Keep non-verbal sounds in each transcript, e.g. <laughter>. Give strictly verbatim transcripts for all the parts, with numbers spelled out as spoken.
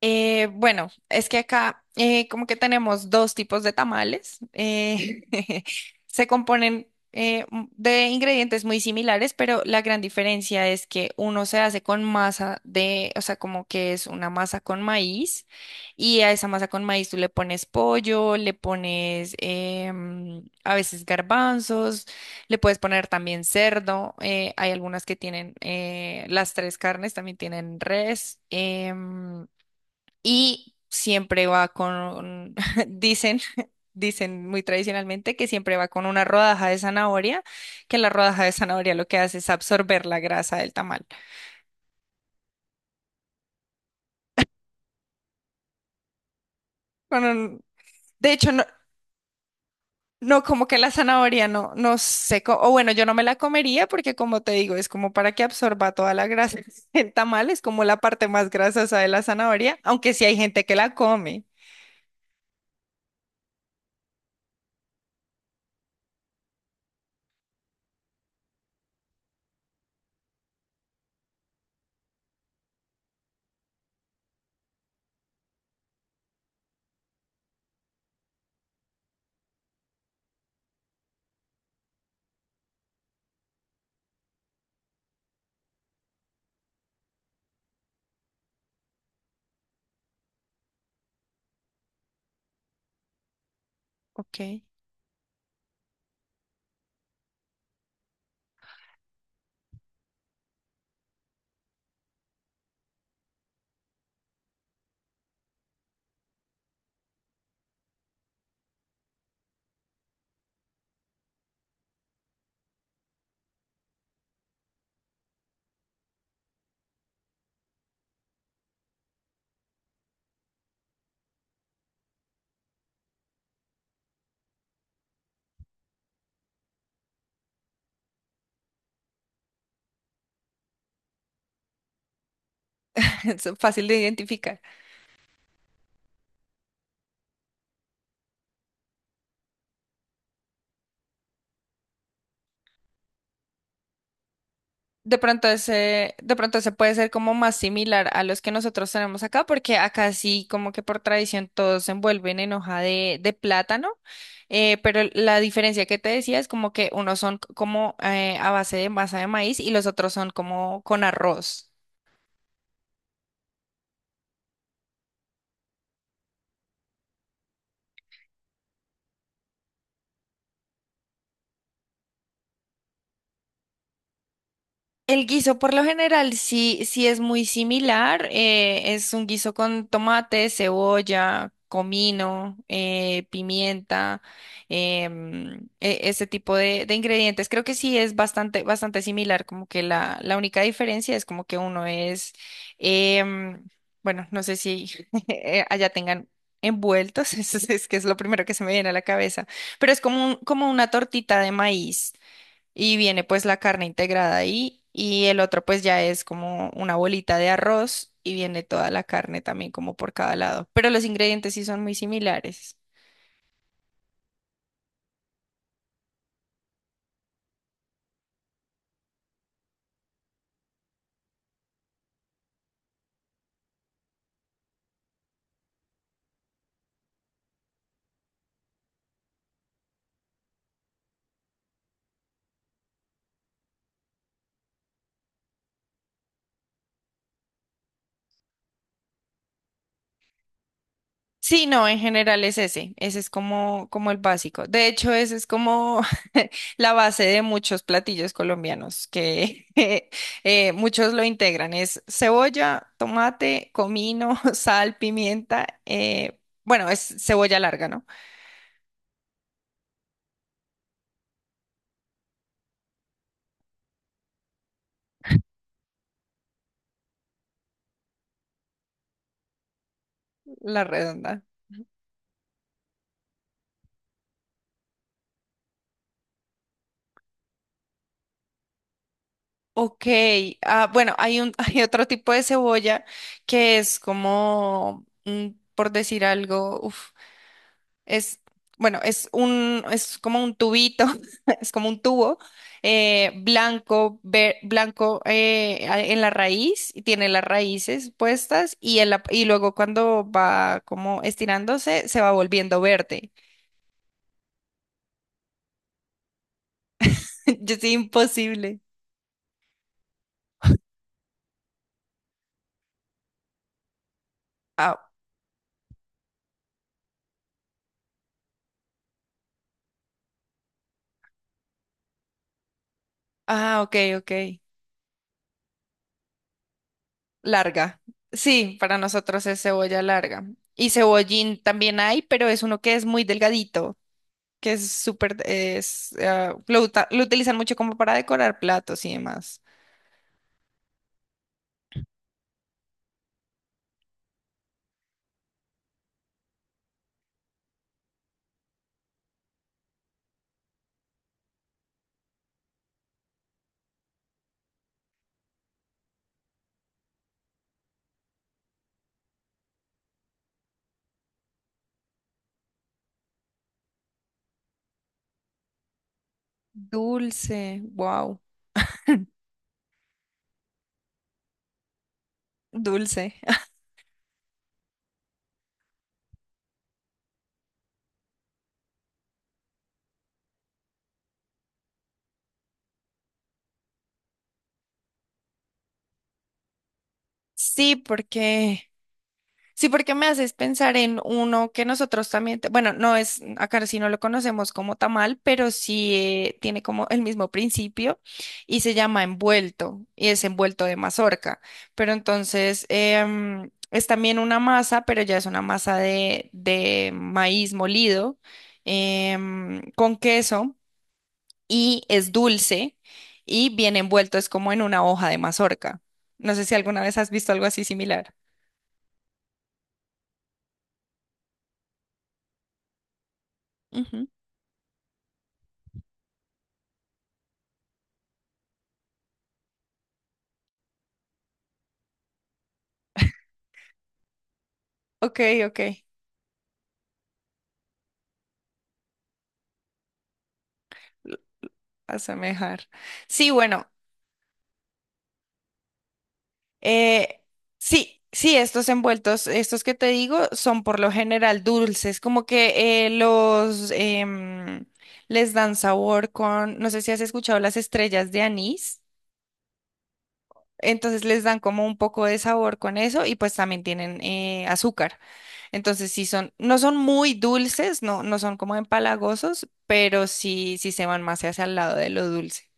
Eh, bueno, es que acá eh, como que tenemos dos tipos de tamales. Eh, <laughs> se componen eh, m- de ingredientes muy similares, pero la gran diferencia es que uno se hace con masa de, o sea, como que es una masa con maíz y a esa masa con maíz tú le pones pollo, le pones em, a veces garbanzos, le puedes poner también cerdo. eh, hay algunas que tienen eh, las tres carnes, también tienen res. Em, y siempre va con, <laughs> dicen, <laughs> dicen muy tradicionalmente que siempre va con una rodaja de zanahoria, que la rodaja de zanahoria lo que hace es absorber la grasa del tamal. Con un- de hecho, no, no, como que la zanahoria no, no sé, co- o bueno, yo no me la comería porque como te digo, es como para que absorba toda la grasa <laughs> el tamal, es como la parte más grasosa de la zanahoria, aunque sí hay gente que la come. Ok. <laughs> Es fácil de identificar. De pronto ese, de pronto ese puede ser como más similar a los que nosotros tenemos acá, porque acá sí como que por tradición todos se envuelven en hoja de, de plátano, eh, pero la diferencia que te decía es como que unos son c- como eh, a base de masa de maíz y los otros son como con arroz. El guiso por lo general sí, sí es muy similar. eh, es un guiso con tomate, cebolla, comino, eh, pimienta, em, e- ese tipo de, de ingredientes. Creo que sí es bastante, bastante similar. Como que la, la única diferencia es como que uno es, em, bueno, no sé si <laughs> eh, allá tengan envueltos, <laughs> eso es, es que es lo primero que se me viene a la cabeza, pero es como un- como una tortita de maíz y viene pues la carne integrada ahí y el otro pues ya es como una bolita de arroz y viene toda la carne también como por cada lado, pero los ingredientes sí son muy similares. Sí, no, en general es ese, ese es como, como el básico. De hecho, ese es como <laughs> la base de muchos platillos colombianos que <laughs> eh, muchos lo integran. Es cebolla, tomate, comino, <laughs> sal, pimienta. eh, bueno, es cebolla larga, ¿no? La redonda. Ok, ah, bueno, hay un, <laughs> hay otro tipo de cebolla que es como, mm, por decir algo, uf, es, bueno, es un, es como un tubito, <laughs> es como un tubo eh, blanco, ve- blanco eh, a- en la raíz, y tiene las raíces puestas y, en la- y luego cuando va como estirándose, se va volviendo verde. <laughs> Yo soy imposible. Ah, ah, ok, ok. Larga. Sí, para nosotros es cebolla larga. Y cebollín también hay, pero es uno que es muy delgadito, que es súper, es, ah, lo, uta- lo utilizan mucho como para decorar platos y demás. Dulce, wow, dulce. <laughs> Sí, porque sí, porque me haces pensar en uno que nosotros también, te- bueno, no es, acá sí no lo conocemos como tamal, pero sí eh, tiene como el mismo principio y se llama envuelto y es envuelto de mazorca. Pero entonces em, es también una masa, pero ya es una masa de, de maíz molido em, con queso y es dulce y bien envuelto, es como en una hoja de mazorca. No sé si alguna vez has visto algo así similar. Ujú. Ok, ok. Asemejar. Sí, bueno, eh, sí, sí, estos envueltos, estos que te digo, son por lo general dulces, como que eh, los em, les dan sabor con, no sé si has escuchado las estrellas de anís, entonces les dan como un poco de sabor con eso y pues también tienen eh, azúcar. Entonces sí son, no son muy dulces, no, no son como empalagosos, pero sí, sí se van más hacia el lado de lo dulce.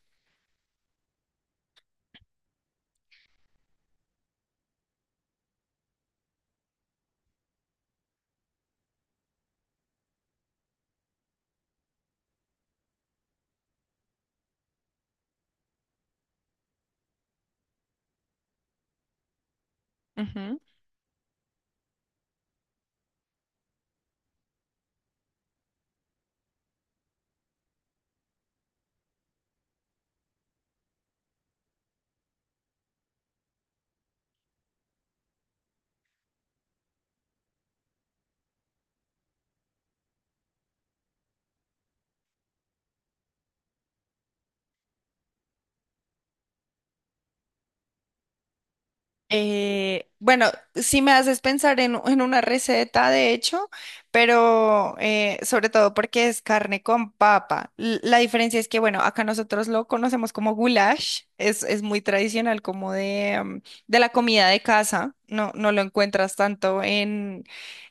Eh, bueno, sí me haces pensar en, en una receta, de hecho, pero eh, sobre todo porque es carne con papa. L- La diferencia es que, bueno, acá nosotros lo conocemos como goulash, es, es muy tradicional como de, mm, de la comida de casa, no, no lo encuentras tanto en,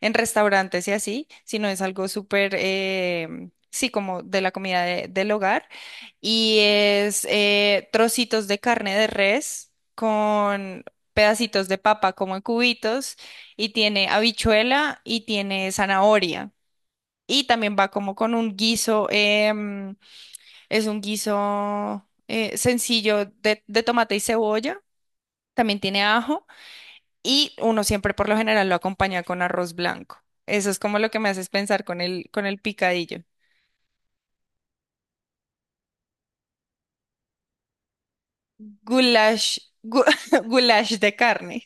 en restaurantes y así, sino es algo súper, eh, mm, sí, como de la comida de- del hogar y es eh, trocitos de carne de res, con pedacitos de papa como en cubitos y tiene habichuela y tiene zanahoria. Y también va como con un guiso, em, es un guiso eh, sencillo de, de tomate y cebolla, también tiene ajo y uno siempre por lo general lo acompaña con arroz blanco. Eso es como lo que me haces pensar con el, con el picadillo. Goulash, gu- <laughs> goulash de carne.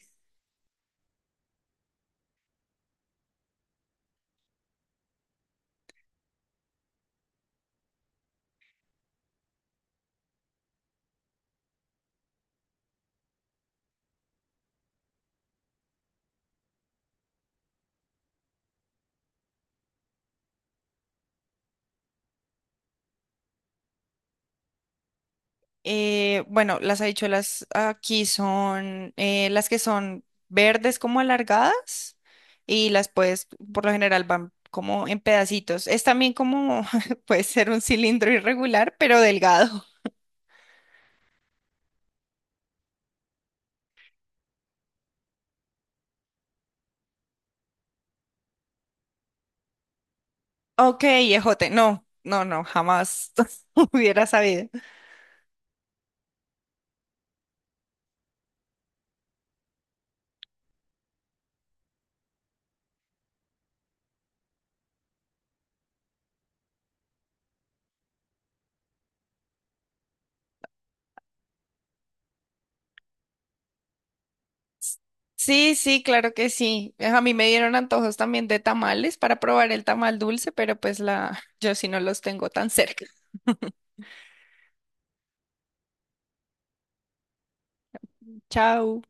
Eh, bueno, las habichuelas aquí son eh, las que son verdes como alargadas y las puedes, por lo general van como en pedacitos. Es también como, <laughs> puede ser un cilindro irregular, pero delgado. <laughs> Ok, ejote, no, no, no, jamás <laughs> hubiera sabido. Sí, sí, claro que sí. A mí me dieron antojos también de tamales para probar el tamal dulce, pero pues la, <laughs> yo sí no los tengo tan cerca. <laughs> Chao.